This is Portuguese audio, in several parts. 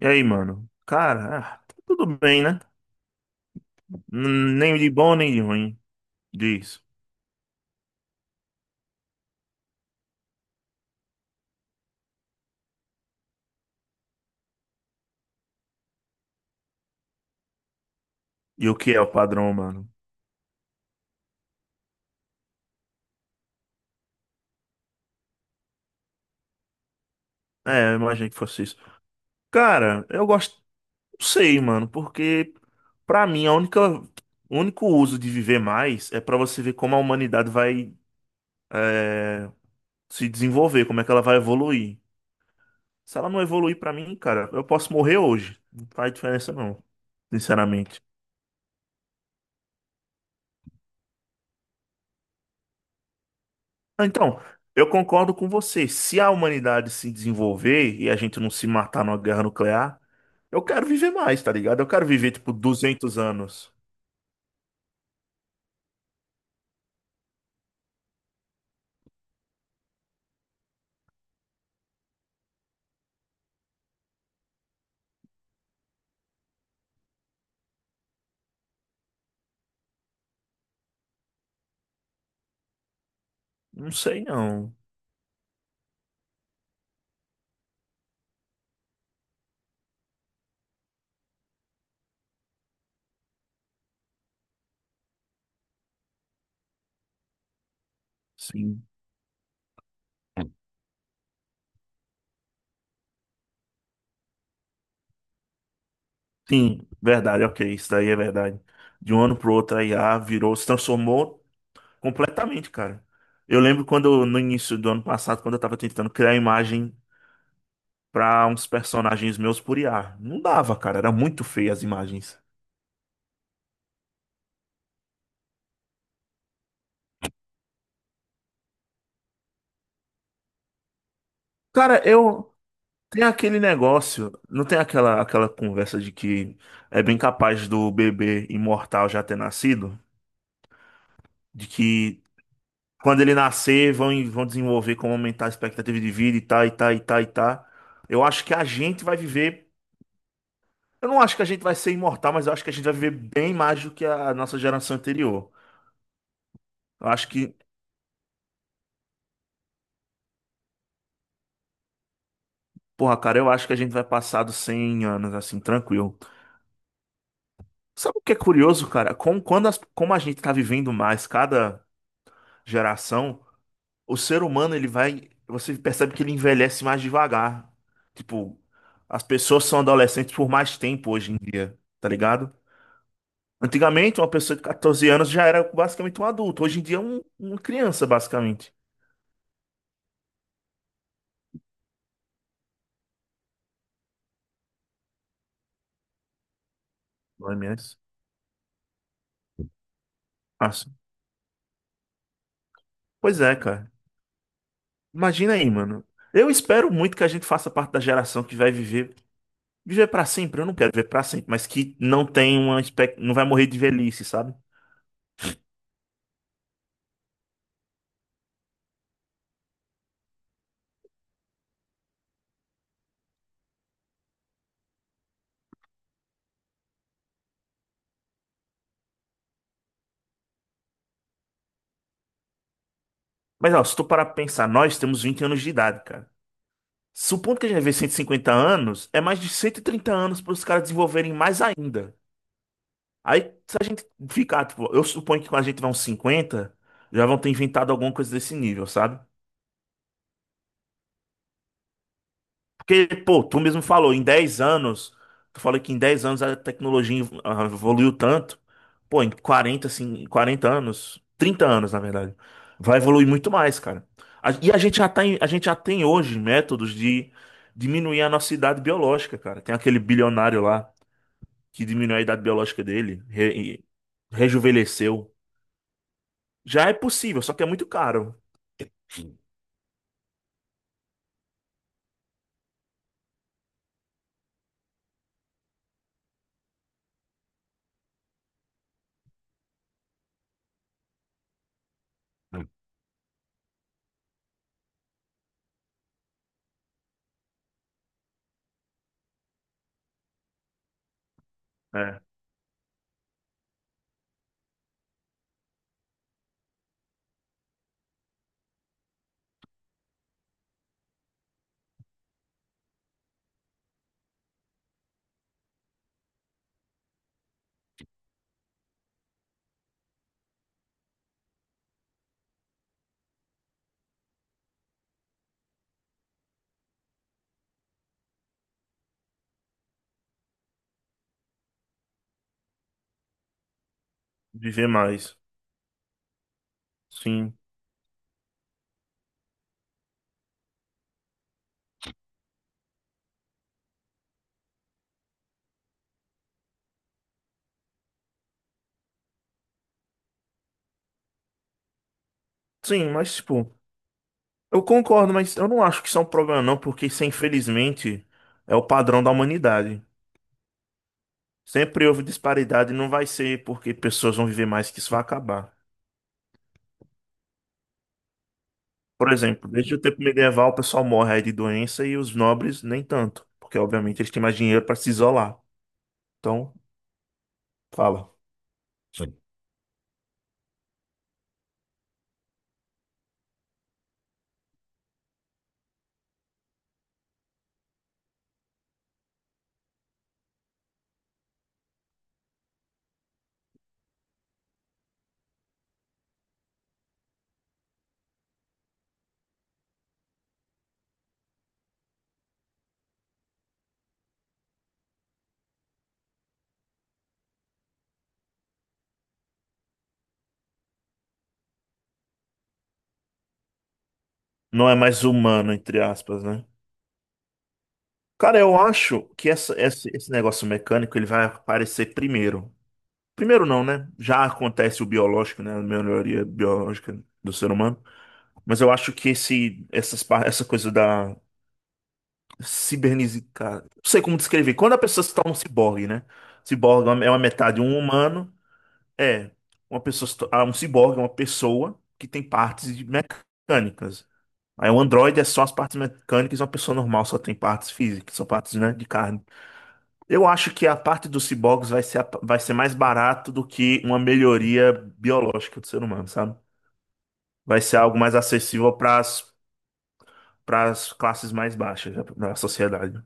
E aí, mano? Cara, tá tudo bem, né? Nem de bom, nem de ruim disso. E o que é o padrão, mano? É, eu imaginei que fosse isso. Cara, eu gosto, não sei, mano, porque pra mim o único uso de viver mais é pra você ver como a humanidade vai é, se desenvolver, como é que ela vai evoluir. Se ela não evoluir pra mim, cara, eu posso morrer hoje. Não faz diferença não, sinceramente. Então, eu concordo com você. Se a humanidade se desenvolver e a gente não se matar numa guerra nuclear, eu quero viver mais, tá ligado? Eu quero viver, tipo, 200 anos. Não sei, não. Sim. Sim, verdade, ok. Isso daí é verdade. De um ano pro outro, a IA virou, se transformou completamente, cara. Eu lembro quando, no início do ano passado, quando eu tava tentando criar imagem pra uns personagens meus por IA. Não dava, cara. Era muito feia as imagens. Cara, eu, tem aquele negócio, não tem aquela conversa de que é bem capaz do bebê imortal já ter nascido? De que quando ele nascer vão desenvolver como aumentar a expectativa de vida e tá, e tá, e tá, e tá. Eu acho que a gente vai viver. Eu não acho que a gente vai ser imortal, mas eu acho que a gente vai viver bem mais do que a nossa geração anterior. Eu acho que, porra, cara, eu acho que a gente vai passar dos 100 anos assim, tranquilo. Sabe o que é curioso, cara? Como, quando como a gente tá vivendo mais cada geração. O ser humano, ele vai. Você percebe que ele envelhece mais devagar. Tipo, as pessoas são adolescentes por mais tempo hoje em dia, tá ligado? Antigamente, uma pessoa de 14 anos já era basicamente um adulto. Hoje em dia é uma criança, basicamente. No OMS. Nossa. Pois é, cara. Imagina aí, mano. Eu espero muito que a gente faça parte da geração que vai viver. Viver pra sempre, eu não quero viver pra sempre, mas que não tem não vai morrer de velhice, sabe? Mas, ó, se tu parar pra pensar, nós temos 20 anos de idade, cara. Supondo que a gente vai ver 150 anos, é mais de 130 anos para os caras desenvolverem mais ainda. Aí, se a gente ficar, tipo, eu suponho que quando a gente vai uns 50, já vão ter inventado alguma coisa desse nível, sabe? Porque, pô, tu mesmo falou, em 10 anos, tu falou que em 10 anos a tecnologia evoluiu tanto. Pô, em 40, assim, 40 anos, 30 anos, na verdade, vai evoluir muito mais, cara. E a gente já a gente já tem hoje métodos de diminuir a nossa idade biológica, cara. Tem aquele bilionário lá que diminuiu a idade biológica dele, rejuvenesceu. Já é possível, só que é muito caro. É, viver mais. Sim. Sim, mas tipo, eu concordo, mas eu não acho que isso é um problema não, porque isso infelizmente é o padrão da humanidade. Sempre houve disparidade e não vai ser porque pessoas vão viver mais que isso vai acabar. Por exemplo, desde o tempo medieval o pessoal morre aí de doença e os nobres nem tanto, porque obviamente eles têm mais dinheiro para se isolar. Então, fala. Não é mais humano, entre aspas, né? Cara, eu acho que esse negócio mecânico ele vai aparecer primeiro. Primeiro não, né? Já acontece o biológico, né? A melhoria biológica do ser humano. Mas eu acho que essa coisa da cibernética. Não sei como descrever. Quando a pessoa se torna um ciborgue, né? Ciborgue é uma metade um humano. É. Uma pessoa, se to- ah, um ciborgue é uma pessoa que tem mecânicas. Aí um androide é só as partes mecânicas, e uma pessoa normal só tem partes físicas, só partes, né, de carne. Eu acho que a parte dos ciborgues vai ser mais barato do que uma melhoria biológica do ser humano, sabe? Vai ser algo mais acessível para as classes mais baixas da sociedade.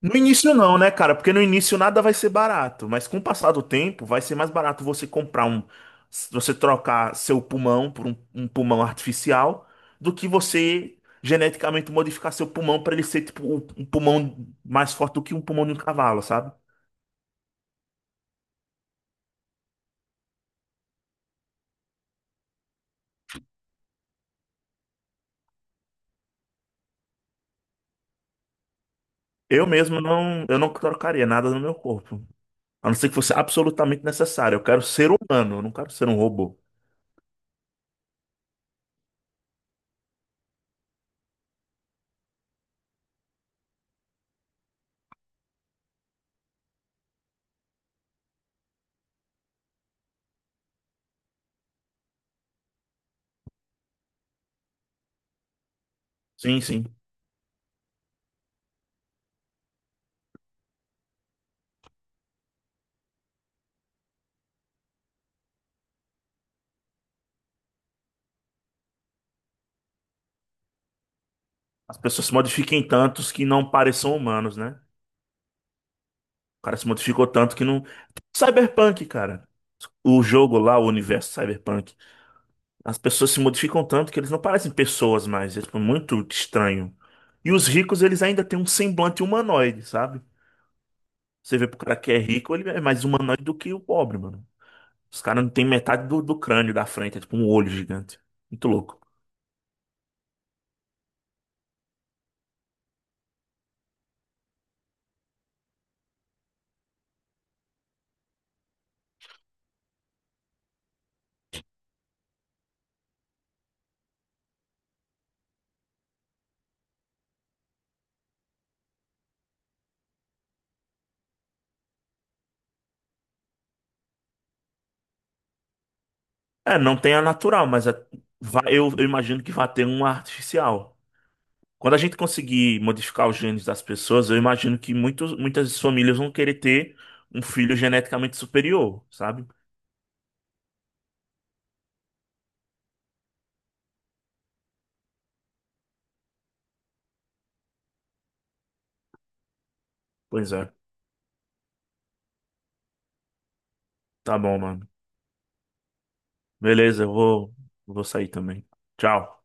No início não, né, cara? Porque no início nada vai ser barato, mas com o passar do tempo vai ser mais barato você comprar um, você trocar seu pulmão por um pulmão artificial, do que você geneticamente modificar seu pulmão para ele ser tipo um pulmão mais forte do que um pulmão de um cavalo, sabe? Eu mesmo não, eu não trocaria nada no meu corpo. A não ser que fosse absolutamente necessário. Eu quero ser humano, eu não quero ser um robô. Sim, sim. As pessoas se modifiquem tantos que não pareçam humanos, né? O cara se modificou tanto que não. Cyberpunk, cara. O jogo lá, o universo Cyberpunk. As pessoas se modificam tanto que eles não parecem pessoas mais. É tipo, muito estranho. E os ricos, eles ainda têm um semblante humanoide, sabe? Você vê pro cara que é rico, ele é mais humanoide do que o pobre, mano. Os caras não têm metade do crânio da frente, é tipo um olho gigante. Muito louco. É, não tem a natural, mas eu imagino que vai ter uma artificial. Quando a gente conseguir modificar os genes das pessoas, eu imagino que muitas famílias vão querer ter um filho geneticamente superior, sabe? Pois é. Tá bom, mano. Beleza, eu vou, vou sair também. Tchau.